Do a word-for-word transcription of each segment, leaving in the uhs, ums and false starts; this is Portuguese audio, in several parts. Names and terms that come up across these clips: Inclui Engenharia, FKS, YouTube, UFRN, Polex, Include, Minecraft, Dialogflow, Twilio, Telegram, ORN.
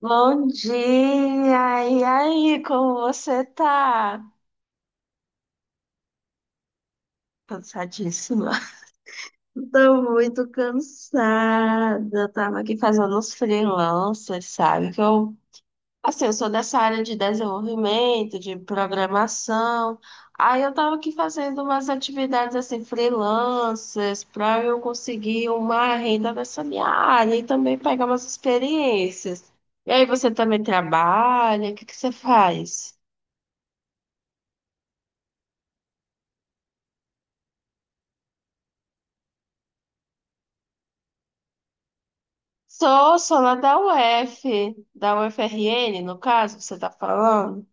Bom dia! E aí, como você tá? Cansadíssima. Tô muito cansada. Eu tava aqui fazendo uns freelancers, sabe? Que eu, assim, eu sou dessa área de desenvolvimento, de programação. Aí eu tava aqui fazendo umas atividades, assim, freelancers, pra eu conseguir uma renda nessa minha área e também pegar umas experiências. E aí, você também trabalha? O que que você faz? Sou, sou lá da U F, da U F R N, no caso, você tá falando.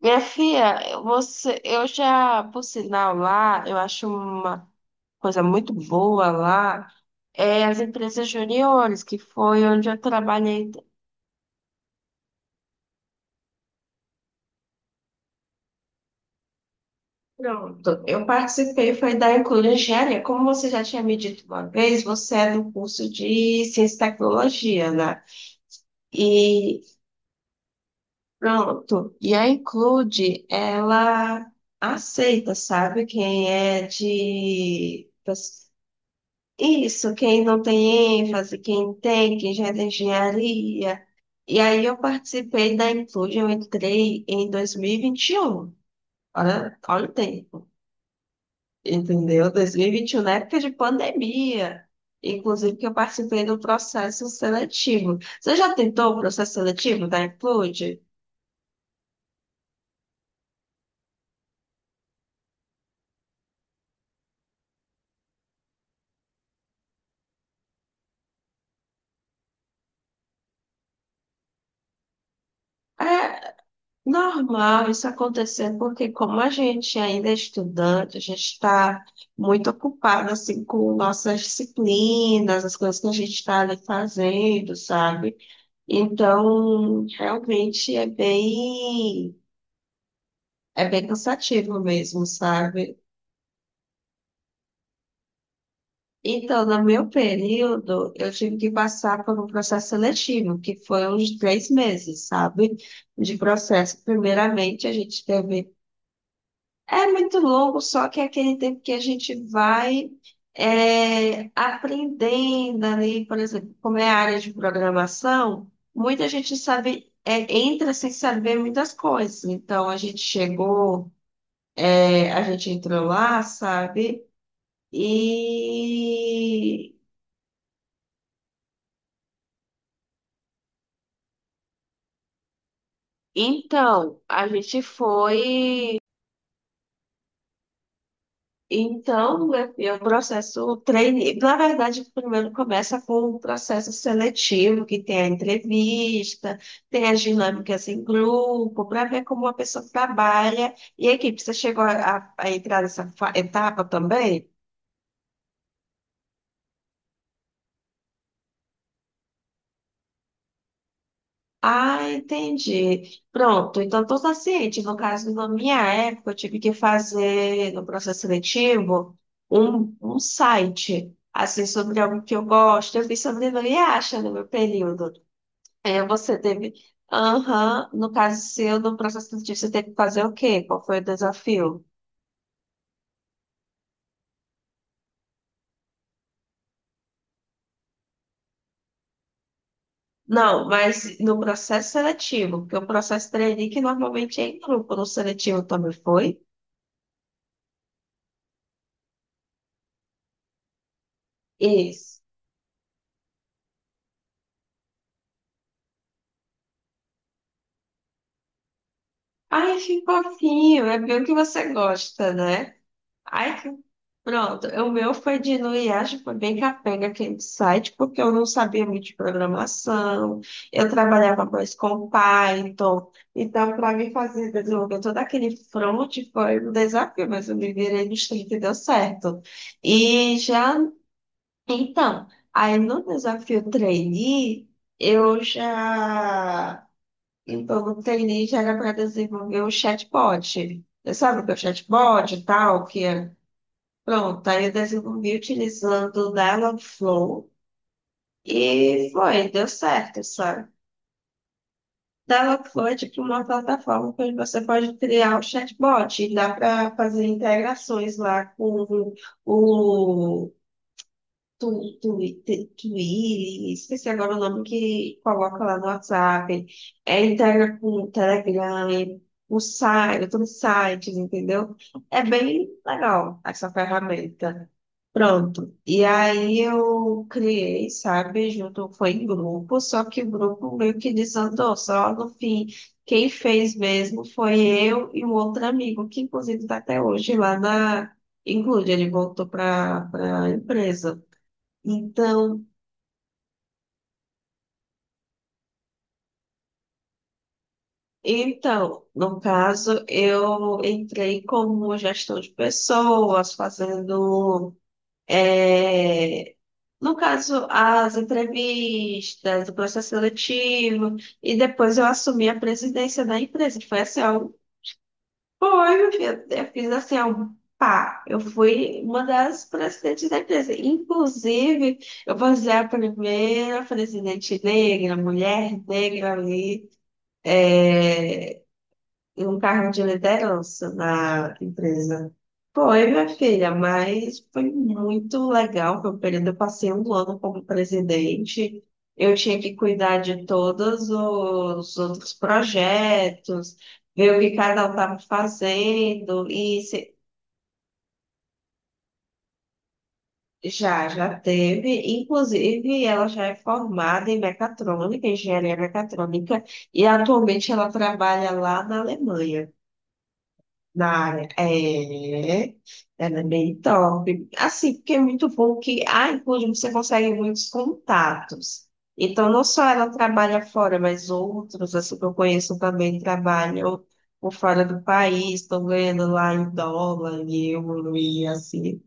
Minha filha, eu- você, eu já, por sinal, lá, eu acho uma coisa muito boa lá, é as empresas juniores, que foi onde eu trabalhei. Pronto, eu participei, foi da Inclui Engenharia. Como você já tinha me dito uma vez, você é do curso de Ciência e Tecnologia, né? e Pronto. E a Include, ela aceita, sabe? Quem é de. Isso, quem não tem ênfase, quem tem, quem já é da engenharia. E aí eu participei da Include, eu entrei em dois mil e vinte e um. Olha, olha o tempo, entendeu? dois mil e vinte e um, na época de pandemia. Inclusive que eu participei do processo seletivo. Você já tentou o processo seletivo da Include? É, normal isso acontecer, porque como a gente ainda é estudante, a gente está muito ocupado assim com nossas disciplinas, as coisas que a gente está ali fazendo, sabe? Então, realmente é bem, é bem cansativo mesmo, sabe? Então, no meu período, eu tive que passar por um processo seletivo, que foi uns três meses, sabe? De processo. Primeiramente, a gente teve. É muito longo, só que é aquele tempo que a gente vai é, aprendendo ali, por exemplo, como é a área de programação, muita gente sabe, é, entra sem saber muitas coisas. Então, a gente chegou, é, a gente entrou lá, sabe? E então, a gente foi. Então, meu filho, o processo treine, na verdade, primeiro começa com o processo seletivo, que tem a entrevista, tem as dinâmicas em grupo, para ver como a pessoa trabalha. E a equipe, você chegou a, a- a entrar nessa fa- etapa também? Ah, entendi. Pronto, então estou ciente. No caso, na minha época, eu tive que fazer, no processo seletivo, um, um site, assim, sobre algo que eu gosto. Eu fiz sobre não acha no meu período. É, você teve. Aham, no caso seu, no processo seletivo, você teve que fazer o quê? Qual foi o desafio? Não, mas no processo seletivo, porque o processo trainee que normalmente é em grupo, no seletivo também foi? Isso. Ai, que fofinho, é bem o que você gosta, né? Ai, que... Pronto, o meu foi de no I A S P, foi bem capenga aquele site, porque eu não sabia muito de programação, eu trabalhava mais com Python, então para mim fazer desenvolver todo aquele front foi um desafio, mas eu me virei nos trinta e deu certo. E já, então, aí no desafio trainee, eu já, então no trainee já era para desenvolver o chatbot. Você sabe o que é o chatbot e tal, que é. Pronto, aí eu desenvolvi utilizando o Dialogflow e foi, deu certo, sabe? Dialogflow é tipo uma plataforma que você pode criar o chatbot e dá para fazer integrações lá com o, Tu, tu, tu, Twilio, esqueci agora o nome que coloca lá no WhatsApp, é, integra com o Telegram, o site, todos os sites, entendeu? É bem legal essa ferramenta. Pronto. E aí eu criei, sabe, junto, foi em grupo, só que o grupo meio que desandou, só no fim. Quem fez mesmo foi eu e um outro amigo, que inclusive está até hoje lá na Include, ele voltou para a empresa. Então, então, no caso, eu entrei como gestão de pessoas, fazendo, eh, no caso, as entrevistas, o processo seletivo, e depois eu assumi a presidência da empresa, que foi assim, ó, foi, meu filho, eu fiz assim, ó, pá, eu fui uma das presidentes da empresa, inclusive, eu vou ser a primeira presidente negra, mulher negra ali, é, e um cargo de liderança na empresa. Foi, minha filha, mas foi muito legal. Foi um período, eu passei um ano como presidente. Eu tinha que cuidar de todos os outros projetos, ver o que cada um estava fazendo. E se- já, já teve. Inclusive, ela já é formada em mecatrônica, engenharia mecatrônica, e atualmente ela trabalha lá na Alemanha. Na área. É, é, ela é bem top. Assim, porque é muito bom que a Include você consegue muitos contatos. Então, não só ela trabalha fora, mas outros, assim, que eu conheço também trabalham por fora do país, estão ganhando lá em dólar, em euro, e assim.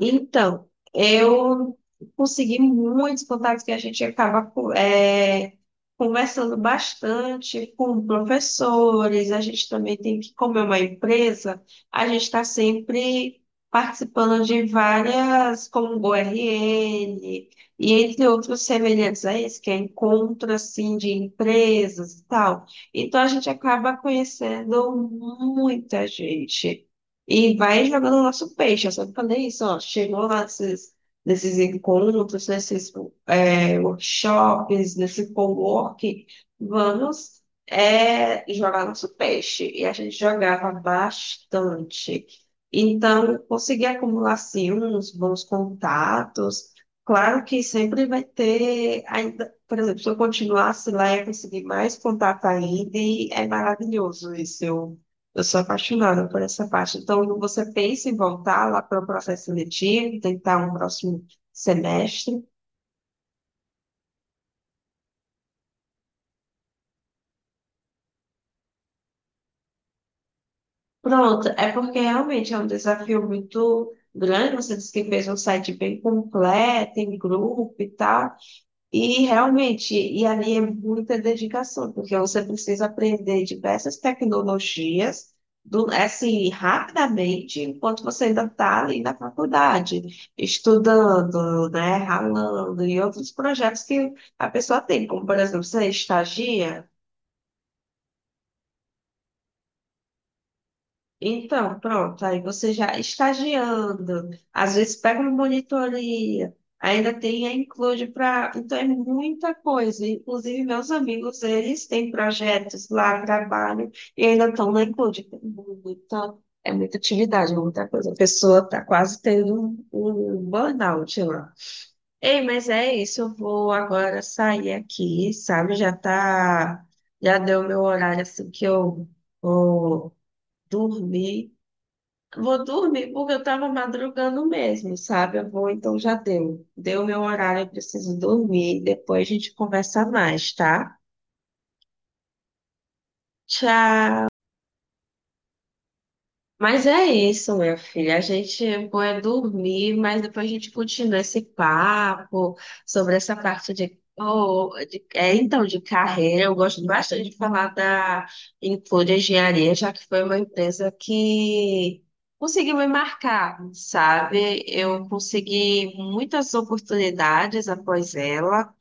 Então, eu consegui muitos contatos que a gente acaba co- eh, conversando bastante com professores. A gente também tem que, como é uma empresa, a gente está sempre participando de várias, como o ORN, e entre outros semelhantes a esse, que é encontro assim, de empresas e tal. Então, a gente acaba conhecendo muita gente. E vai jogando o nosso peixe. Eu sempre falei isso, ó. Chegou lá nesses, nesses encontros, nesses é, workshops, nesse co-work, vamos é, jogar nosso peixe. E a gente jogava bastante. Então, eu consegui acumular, sim, uns bons contatos. Claro que sempre vai ter, ainda, por exemplo, se eu continuasse lá, ia conseguir mais contato ainda, e é maravilhoso isso. Eu eu sou apaixonada por essa parte. Então, quando você pensa em voltar lá para o processo seletivo, tentar um próximo semestre. Pronto, é porque realmente é um desafio muito grande. Você disse que fez um site bem completo, em grupo e tal. E realmente, e ali é muita dedicação, porque você precisa aprender diversas tecnologias do, assim, rapidamente, enquanto você ainda está ali na faculdade, estudando, né, ralando, e outros projetos que a pessoa tem, como, por exemplo, você estagia, Então, pronto, aí você já estagiando, às vezes pega uma monitoria, ainda tem a include para. Então, é muita coisa. Inclusive, meus amigos, eles têm projetos lá, trabalham, e ainda estão na include. Tem muita- é muita atividade, é muita coisa. A pessoa está quase tendo um, um burnout lá. Ei, mas é isso, eu vou agora sair aqui, sabe? Já tá, já deu meu horário assim que eu vou dormir. Vou dormir porque eu tava madrugando mesmo, sabe? Eu vou, então já deu. Deu meu horário, eu preciso dormir. Depois a gente conversa mais, tá? Tchau. Mas é isso, minha filha. A gente vai dormir, mas depois a gente continua esse papo sobre essa parte de, oh, de- é, então, de carreira. Eu gosto bastante de falar da Include Engenharia, já que foi uma empresa que conseguiu me marcar, sabe? Eu consegui muitas oportunidades após ela.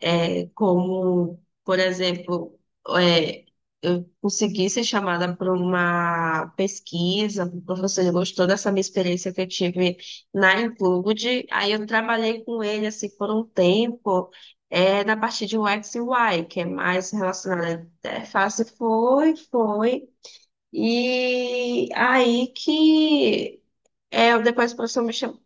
É, como, por exemplo, é, eu consegui ser chamada para uma pesquisa, o professor gostou dessa minha experiência que eu tive na Include, aí eu trabalhei com ele assim por um tempo, é, na parte de U X e U I, que é mais relacionada à interface, foi, foi, e aí que é, depois o professor me chamou.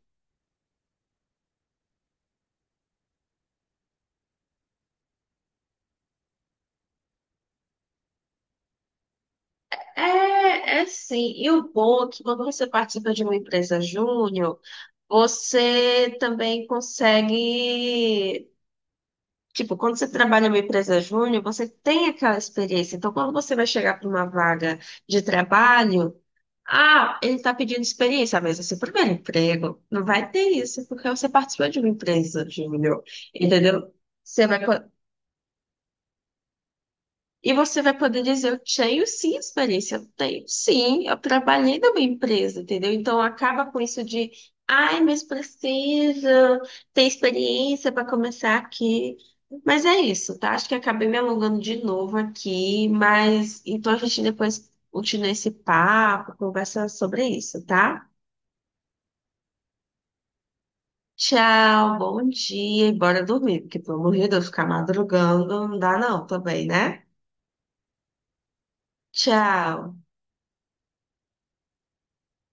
É, é sim. E o bom é que quando você participa de uma empresa júnior, você também consegue. Tipo, quando você trabalha numa empresa júnior, você tem aquela experiência. Então, quando você vai chegar para uma vaga de trabalho, ah, ele está pedindo experiência, mas é seu primeiro emprego. Não vai ter isso, porque você participou de uma empresa júnior, entendeu? Você vai, E você vai poder dizer, eu tenho sim experiência, eu tenho sim, eu trabalhei numa empresa, entendeu? Então acaba com isso de, ai, mas precisa ter experiência para começar aqui. Mas é isso, tá? Acho que acabei me alongando de novo aqui, mas então a gente depois continua esse papo, conversa sobre isso, tá? Tchau, bom dia e bora dormir, porque pelo amor de Deus, ficar madrugando não dá não também, né? Tchau.